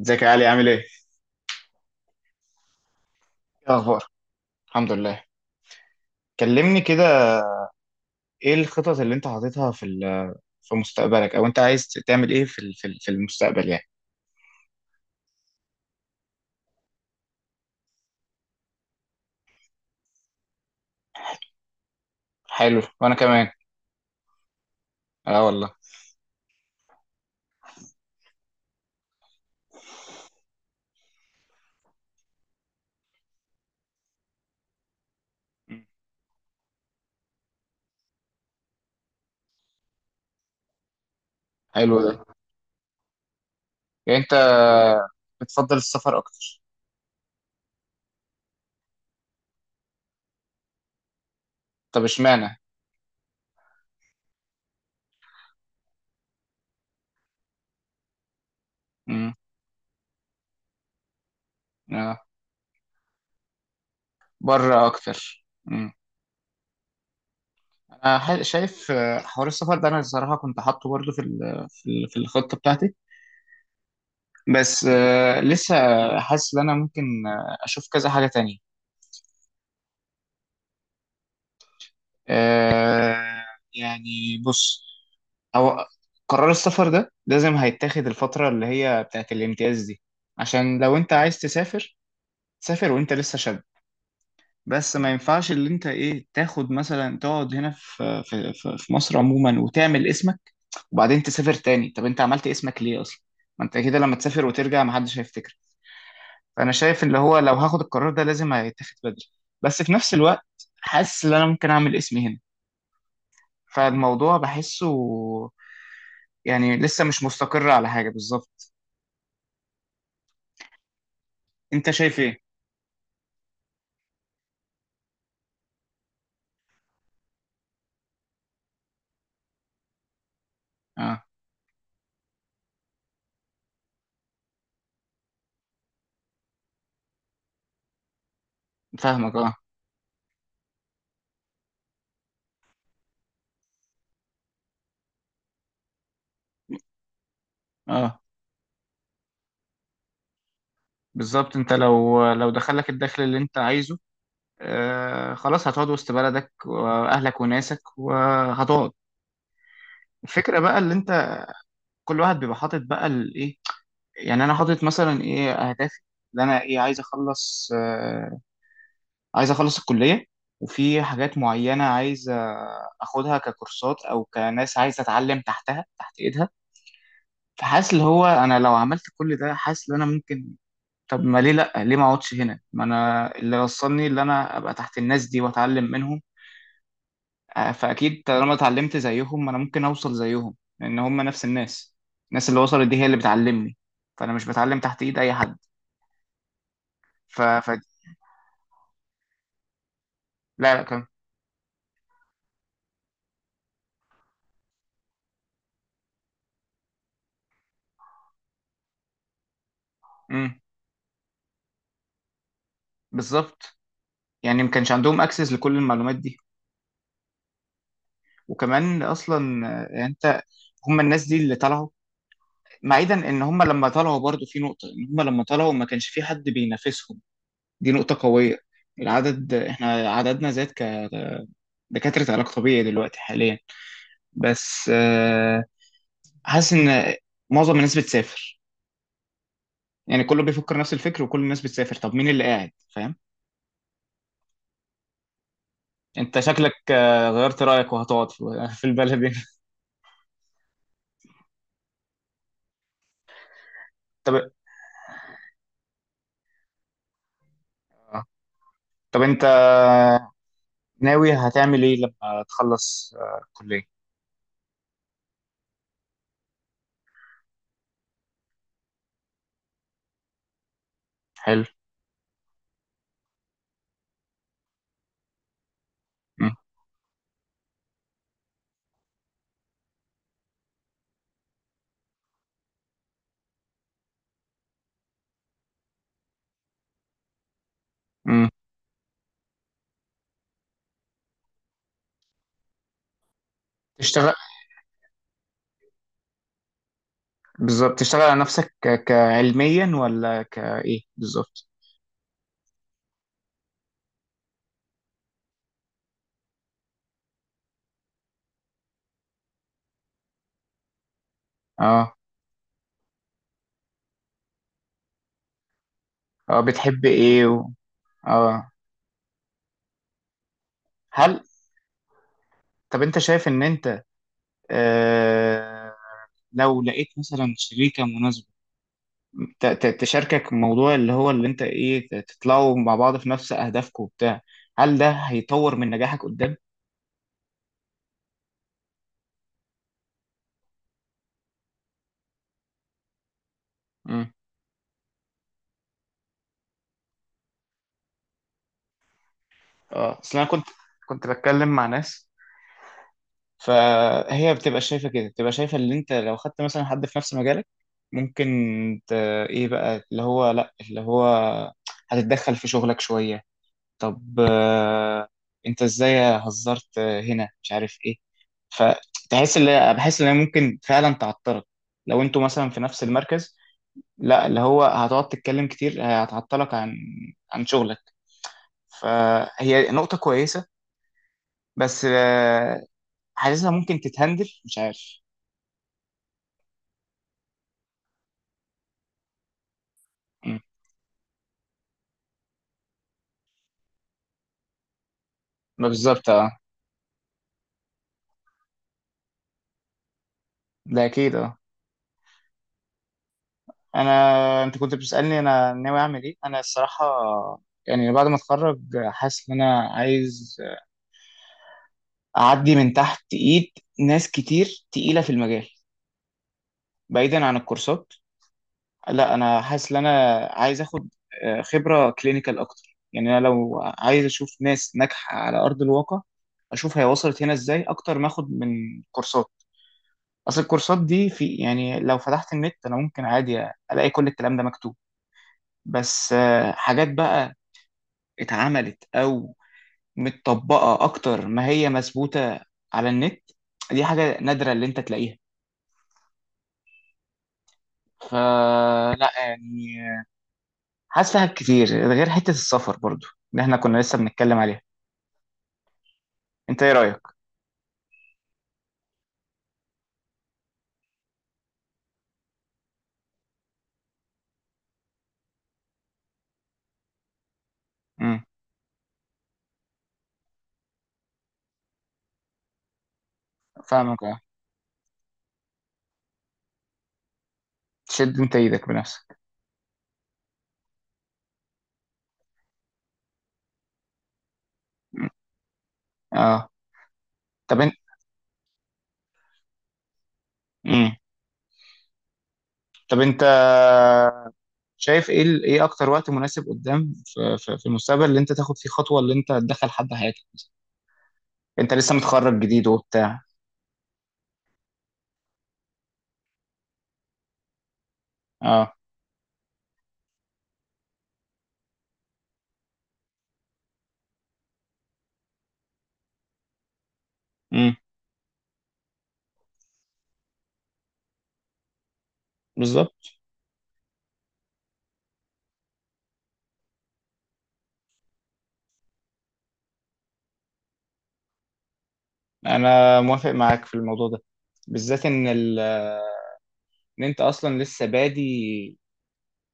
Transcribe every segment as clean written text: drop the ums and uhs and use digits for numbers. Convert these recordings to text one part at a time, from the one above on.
ازيك يا علي؟ عامل ايه؟ ايه اخبار؟ الحمد لله. كلمني كده. ايه الخطط اللي انت حاططها في مستقبلك، او انت عايز تعمل ايه في المستقبل يعني؟ حلو، وانا كمان. اه والله. مم. حلو ده. يعني انت بتفضل السفر اكتر؟ طب اشمعنى؟ مم. اه، بره اكتر. انا شايف، حوار السفر ده انا الصراحه كنت حاطه برضه في الخطه بتاعتي. بس، لسه حاسس ان انا ممكن، اشوف كذا حاجه تانية. آه يعني بص، هو قرار السفر ده لازم هيتاخد الفترة اللي هي بتاعت الامتياز دي، عشان لو انت عايز تسافر، سافر وانت لسه شاب. بس ما ينفعش اللي انت ايه تاخد مثلا، تقعد هنا في مصر عموما وتعمل اسمك وبعدين تسافر تاني. طب انت عملت اسمك ليه اصلا؟ ما انت كده لما تسافر وترجع محدش هيفتكر. فانا شايف اللي هو لو هاخد القرار ده لازم هيتاخد بدري. بس في نفس الوقت، حاسس ان انا ممكن اعمل اسمي هنا. فالموضوع بحسه يعني لسه مش مستقر على حاجة بالظبط. انت شايف ايه؟ اه. فاهمك، اه. اه بالظبط، انت لو دخلك الدخل اللي انت عايزه، آه خلاص هتقعد وسط بلدك واهلك وناسك وهتقعد. الفكرة بقى اللي انت، كل واحد بيبقى حاطط بقى الايه، يعني انا حاطط مثلا ايه اهدافي، اللي انا ايه عايز اخلص، آه عايز اخلص الكلية، وفي حاجات معينة عايز اخدها ككورسات او كناس عايز اتعلم تحتها تحت ايدها. فحاسس اللي هو انا لو عملت كل ده حاسس ان انا ممكن، طب ما ليه لا، ليه ما اقعدش هنا؟ ما انا اللي وصلني اللي انا ابقى تحت الناس دي واتعلم منهم. فاكيد طالما اتعلمت زيهم انا ممكن اوصل زيهم، لان هم نفس الناس. الناس اللي وصلت دي هي اللي بتعلمني، فانا مش بتعلم تحت ايد اي حد. ف... ف... لا لا، كان امم بالظبط. يعني ما كانش عندهم اكسس لكل المعلومات دي. وكمان اصلا، يعني انت، هم الناس دي اللي طلعوا، بعيدا ان هم لما طلعوا برضو في نقطة ان هم لما طلعوا ما كانش في حد بينافسهم. دي نقطة قوية. العدد احنا عددنا زاد كدكاترة علاج طبيعي دلوقتي حاليا. بس، حاسس ان معظم الناس بتسافر، يعني كله بيفكر نفس الفكر وكل الناس بتسافر، طب مين اللي قاعد فاهم؟ انت شكلك، غيرت رأيك وهتقعد في في البلد هنا؟ طب آه. طب انت ناوي هتعمل ايه لما تخلص، الكلية؟ حلو. مم. مم. تشتغل، بالظبط تشتغل على نفسك كعلميا ولا كايه بالظبط؟ اه. اه بتحب ايه اه. هل طب انت شايف ان انت، آه لو لقيت مثلا شريكة مناسبة تشاركك موضوع اللي هو اللي انت ايه، تطلعوا مع بعض في نفس اهدافكم وبتاع، هل ده هيطور من نجاحك قدام؟ امم. اه اصل انا كنت بتكلم مع ناس، فهي بتبقى شايفة كده، بتبقى شايفة اللي انت لو خدت مثلا حد في نفس مجالك ممكن ت... ايه بقى اللي هو، لا اللي هو هتتدخل في شغلك شوية. طب، انت ازاي هزرت، هنا مش عارف ايه، فتحس اللي بحس ان هي ممكن فعلا تعطلك لو انتوا مثلا في نفس المركز. لا اللي هو هتقعد تتكلم كتير، هتعطلك عن عن شغلك. فهي نقطة كويسة، بس، حاسسها ممكن تتهندل مش عارف. مم. ما بالظبط، اه. ده اكيد، اه. انا انت كنت بتسألني انا ناوي اعمل ايه، انا الصراحة يعني بعد ما اتخرج، حاسس ان انا عايز اعدي من تحت ايد ناس كتير تقيله في المجال. بعيدا عن الكورسات، لا انا حاسس ان انا عايز اخد، خبره كلينيكال اكتر. يعني انا لو عايز اشوف ناس ناجحه على ارض الواقع، اشوف هي وصلت هنا ازاي اكتر ما اخد من كورسات. اصل الكورسات دي في، يعني لو فتحت النت انا ممكن عادي الاقي كل الكلام ده مكتوب. بس، حاجات بقى اتعملت او متطبقه اكتر ما هي مثبوته على النت، دي حاجه نادره اللي انت تلاقيها. فلا يعني، حاسس فيها كتير، غير حتة السفر برضو اللي احنا كنا لسه بنتكلم عليها. انت ايه رأيك؟ امم. فاهمك، اه. تشد انت ايدك بنفسك. مم. اه. طب انت، امم، طب انت شايف ايه ايه اكتر وقت مناسب قدام في المستقبل اللي انت تاخد فيه خطوة اللي انت تدخل حد حياتك؟ انت لسه متخرج جديد وبتاع. اه. امم. بالظبط. انا موافق معاك في الموضوع ده، بالذات ان ان انت اصلا لسه بادي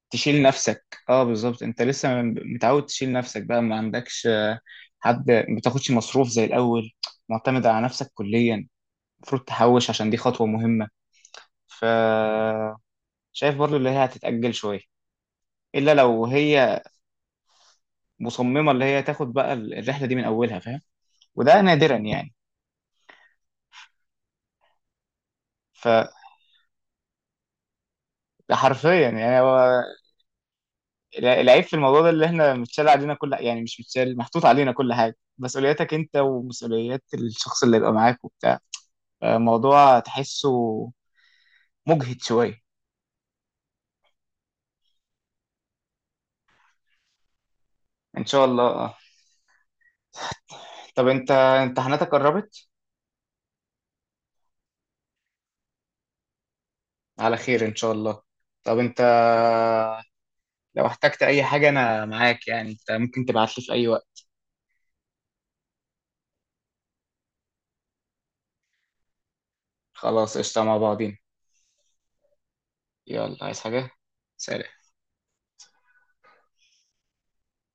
تشيل نفسك، اه بالظبط. انت لسه متعود تشيل نفسك بقى، ما عندكش، حد، ما بتاخدش مصروف زي الاول، معتمد على نفسك كليا، المفروض تحوش عشان دي خطوة مهمة. ف شايف برضو اللي هي هتتأجل شوية، الا لو هي مصممة اللي هي تاخد بقى الرحلة دي من اولها، فاهم؟ وده نادرا يعني. فحرفيا يعني هو العيب في الموضوع ده اللي احنا متشال علينا كل، يعني مش متشال، محطوط علينا كل حاجة، مسؤولياتك انت ومسؤوليات الشخص اللي يبقى معاك وبتاع. موضوع تحسه مجهد شوية. إن شاء الله آه. طب أنت امتحاناتك قربت؟ على خير إن شاء الله. طب أنت لو احتجت أي حاجة أنا معاك، يعني أنت ممكن تبعتلي في أي وقت. خلاص، قشطة مع بعضين. يلا، عايز حاجة؟ سلام.